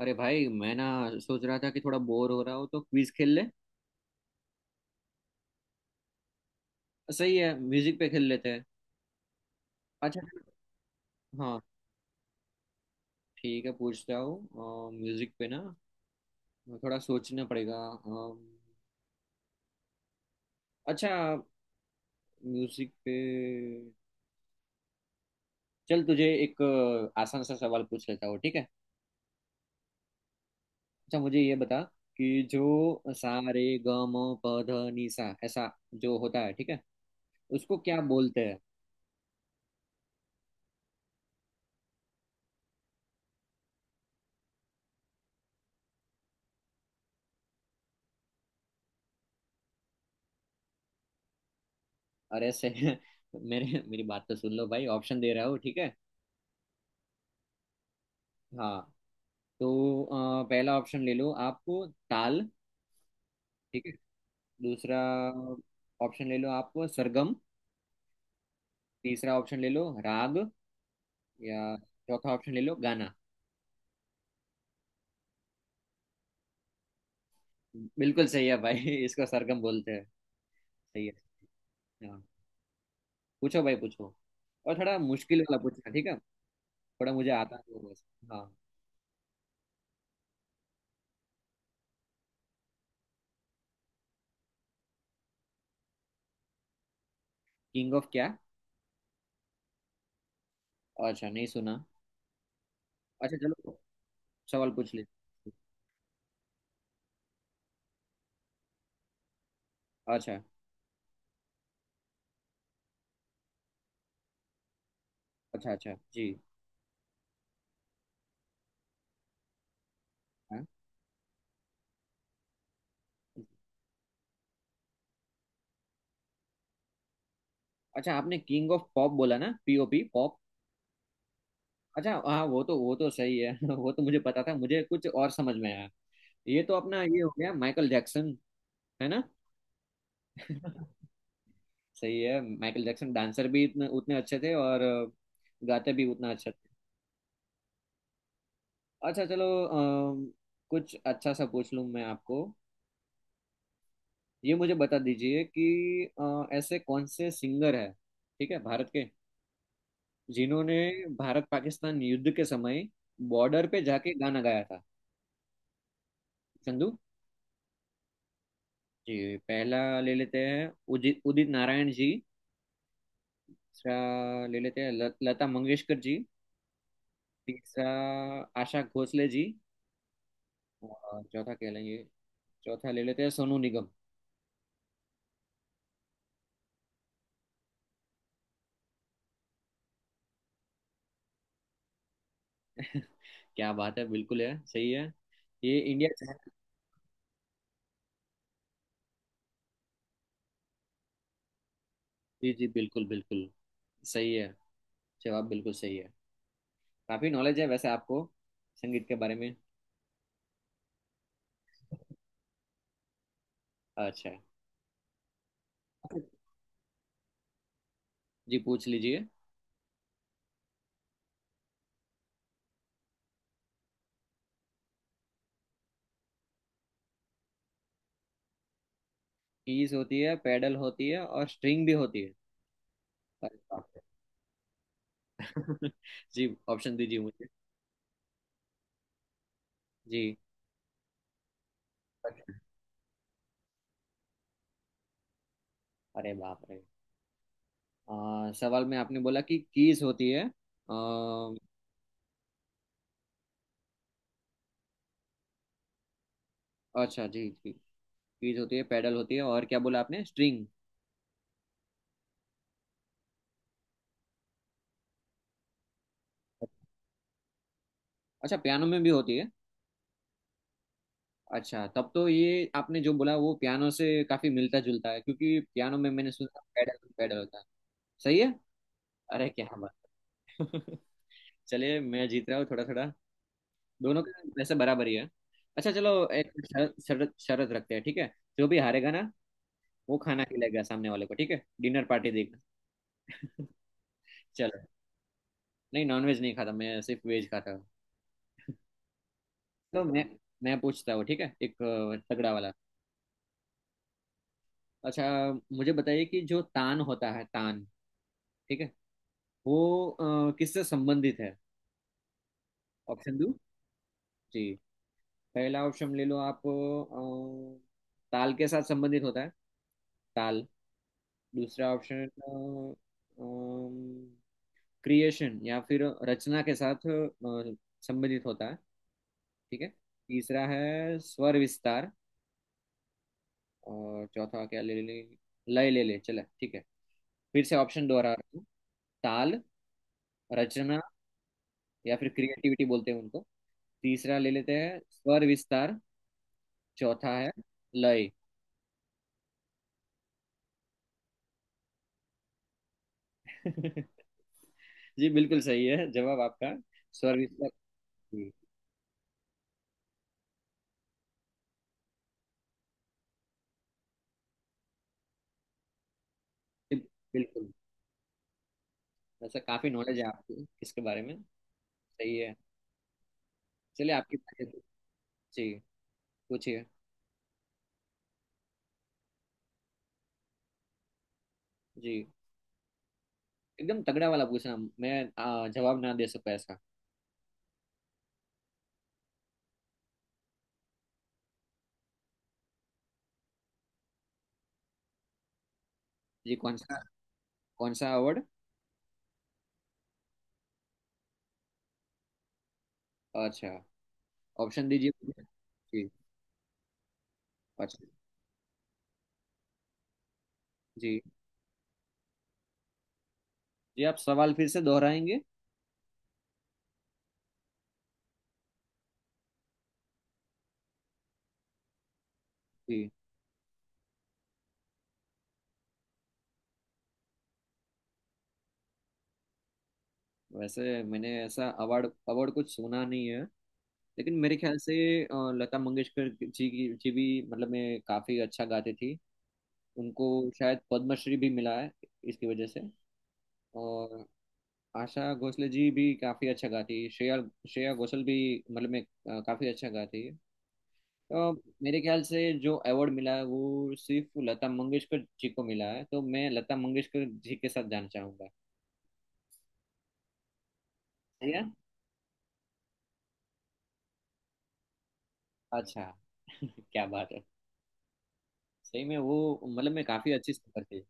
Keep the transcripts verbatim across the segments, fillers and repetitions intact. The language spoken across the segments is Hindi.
अरे भाई मैं ना सोच रहा था कि थोड़ा बोर हो रहा हो तो क्विज खेल ले। सही है, म्यूजिक पे खेल लेते हैं। अच्छा। हाँ, ठीक है, पूछता हूँ म्यूजिक पे ना। थोड़ा सोचना पड़ेगा। अम, अच्छा, म्यूजिक पे चल तुझे एक अ, आसान सा सवाल पूछ लेता हूँ, ठीक है। अच्छा मुझे ये बता कि जो सा रे ग म प ध नि सा ऐसा जो होता है, ठीक है, उसको क्या बोलते हैं। अरे से मेरे मेरी बात तो सुन लो भाई, ऑप्शन दे रहा हूँ ठीक है। हाँ, तो अ, पहला ऑप्शन ले लो, आपको ताल। ठीक है। दूसरा ऑप्शन ले लो आप, सरगम। तीसरा ऑप्शन ले लो राग। या चौथा ऑप्शन ले लो गाना। बिल्कुल सही है भाई इसको सरगम बोलते हैं। सही है। हाँ, पूछो भाई पूछो। और थोड़ा मुश्किल वाला पूछना ठीक है, थोड़ा मुझे आता है वो बस। हाँ। किंग ऑफ क्या? अच्छा, नहीं सुना। अच्छा चलो, सवाल पूछ ले। अच्छा। अच्छा, अच्छा जी। हाँ। अच्छा आपने किंग ऑफ पॉप बोला ना, पीओपी पॉप। अच्छा हाँ, वो तो वो तो सही है वो तो मुझे पता था, मुझे कुछ और समझ में आया। ये तो अपना ये हो गया माइकल जैक्सन, है ना। सही है, माइकल जैक्सन डांसर भी इतने उतने अच्छे थे और अ, गाते भी उतना अच्छा थे। अच्छा चलो, अम, कुछ अच्छा सा पूछ लूँ मैं आपको। ये मुझे बता दीजिए कि अ, ऐसे कौन से सिंगर है ठीक है, भारत के, जिन्होंने भारत पाकिस्तान युद्ध के समय बॉर्डर पे जाके गाना गाया था। चंदू जी, पहला ले लेते हैं उदित उदित नारायण जी। तीसरा ले लेते हैं ल, लता मंगेशकर जी। तीसरा आशा भोसले जी। और चौथा कह लेंगे, चौथा ले लेते हैं सोनू निगम। क्या बात है, बिल्कुल है, सही है। ये इंडिया चाहे। जी जी, बिल्कुल बिल्कुल। सही है, जवाब बिल्कुल सही है। काफी नॉलेज है वैसे आपको संगीत के बारे में। अच्छा। जी, पूछ लीजिए। कीज होती है, पेडल होती है और स्ट्रिंग भी होती है। अरे बाप रे जी ऑप्शन दीजिए मुझे। जी। अरे बाप रे, आ, सवाल में आपने बोला कि कीज होती है, आ, अच्छा जी जी, कीज होती है, पेडल होती है और क्या बोला आपने, स्ट्रिंग। अच्छा, पियानो में भी होती है। अच्छा तब तो ये आपने जो बोला वो पियानो से काफी मिलता जुलता है, क्योंकि पियानो में मैंने सुना पेडल पेडल होता है। सही है। अरे क्या बात चलिए मैं जीत रहा हूँ थोड़ा थोड़ा। दोनों का वैसे बराबर ही है। अच्छा चलो, एक शरत शरत शरत रखते हैं ठीक है। जो भी हारेगा ना, वो खाना खिलाएगा सामने वाले को, ठीक है, डिनर पार्टी देगा। चलो। नहीं, नॉनवेज नहीं खाता, मैं सिर्फ वेज खाता हूँ। तो मैं मैं पूछता हूँ ठीक है, एक अ, तगड़ा वाला। अच्छा, मुझे बताइए कि जो तान होता है, तान, ठीक है, वो अ, किससे संबंधित है। ऑप्शन दो। जी, पहला ऑप्शन ले लो आप, अ, ताल के साथ संबंधित होता है, ताल। दूसरा ऑप्शन क्रिएशन या फिर रचना के साथ अ, संबंधित होता है, ठीक है। तीसरा है स्वर विस्तार। और चौथा क्या ले ले, लय ले ले चला ठीक है। फिर से ऑप्शन दोहरा रहा हूँ। ताल। रचना या फिर क्रिएटिविटी बोलते हैं उनको। तीसरा ले लेते हैं स्वर विस्तार। चौथा है लय। जी बिल्कुल सही है जवाब आपका, स्वर विस्तार। जी, बिल्कुल। ऐसा काफी नॉलेज है आपको इसके बारे में। सही है। चलिए आपकी बारी है। जी, पूछिए। जी, एकदम तगड़ा वाला पूछना, मैं आ, जवाब ना दे सकूं ऐसा। जी, कौन सा? कौन सा अवार्ड? अच्छा, ऑप्शन दीजिए मुझे। जी। अच्छा। जी जी। आप सवाल फिर से दोहराएंगे? जी, वैसे मैंने ऐसा अवार्ड अवार्ड कुछ सुना नहीं है, लेकिन मेरे ख्याल से अ, लता मंगेशकर जी की जी भी, मतलब मैं काफी अच्छा गाती थी उनको, शायद पद्मश्री भी मिला है इसकी वजह से। और आशा भोसले जी भी काफी अच्छा गाती है, श्रेया श्रेया घोषाल भी मतलब मैं अ, काफी अच्छा गाती है। अ, मेरे ख्याल से जो अवार्ड मिला है वो सिर्फ लता मंगेशकर जी को मिला है, तो मैं लता मंगेशकर जी के साथ जाना चाहूंगा। सही है। अच्छा क्या बात है, सही में वो, मतलब मैं काफी अच्छी सिंगर थी।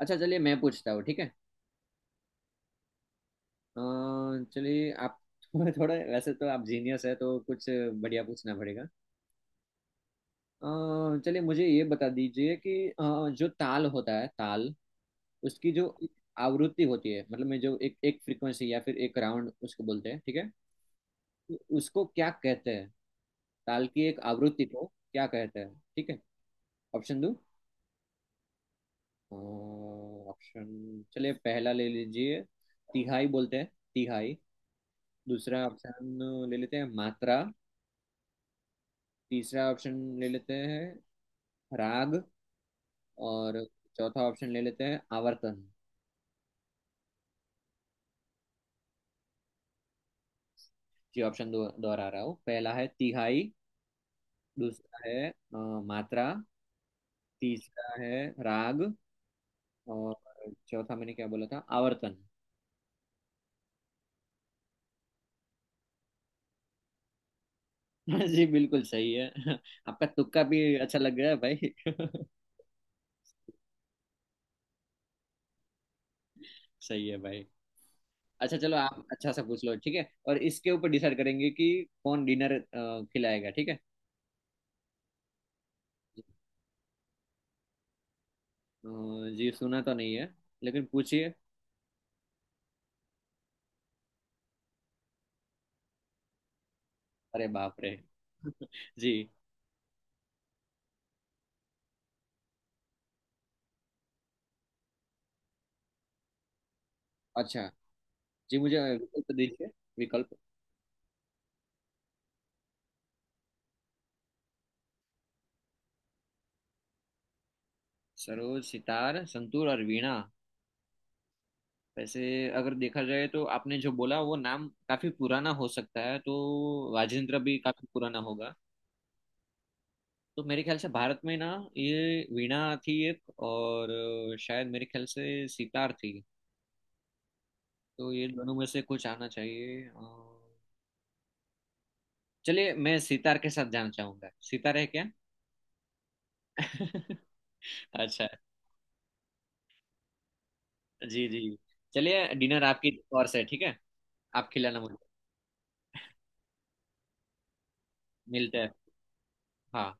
अच्छा चलिए मैं पूछता हूँ ठीक है। अ, चलिए आप थोड़ा, वैसे तो आप जीनियस है तो कुछ बढ़िया पूछना पड़ेगा। अ, चलिए मुझे ये बता दीजिए कि अ, जो ताल होता है, ताल, उसकी जो एक आवृत्ति होती है, मतलब में जो एक एक फ्रीक्वेंसी या फिर एक राउंड उसको बोलते हैं ठीक है, उसको क्या कहते हैं, ताल की एक आवृत्ति को क्या कहते हैं, ठीक है। ऑप्शन दो। ऑप्शन, चलिए पहला ले लीजिए, तिहाई बोलते हैं, तिहाई। दूसरा ऑप्शन ले लेते हैं, मात्रा। तीसरा ऑप्शन ले लेते हैं, राग। और चौथा ऑप्शन ले लेते हैं, आवर्तन। जी ऑप्शन दो, दोहरा रहा हूँ। पहला है तिहाई। दूसरा है अ, मात्रा। तीसरा है राग। और चौथा मैंने क्या बोला था, आवर्तन। जी बिल्कुल सही है। आपका तुक्का भी अच्छा लग रहा है भाई। सही है भाई। अच्छा चलो, आप अच्छा सा पूछ लो ठीक है, और इसके ऊपर डिसाइड करेंगे कि कौन डिनर खिलाएगा ठीक है। अ, जी, सुना तो नहीं है, लेकिन पूछिए। अरे बाप रे जी। अच्छा, जी मुझे विकल्प दीजिए, विकल्प। सरोज, सितार, संतूर और वीणा। वैसे अगर देखा जाए तो आपने जो बोला वो नाम काफी पुराना हो सकता है, तो राजेंद्र भी काफी पुराना होगा। तो मेरे ख्याल से भारत में ना ये वीणा थी एक, और अ, शायद मेरे ख्याल से सितार थी। तो ये दोनों में से कुछ आना चाहिए। अ, चलिए मैं सितार के साथ जाना चाहूंगा, सितार है क्या? अच्छा। जी जी, चलिए डिनर आपकी और से ठीक है, आप खिलाना मुझे। मिलते हैं। हाँ।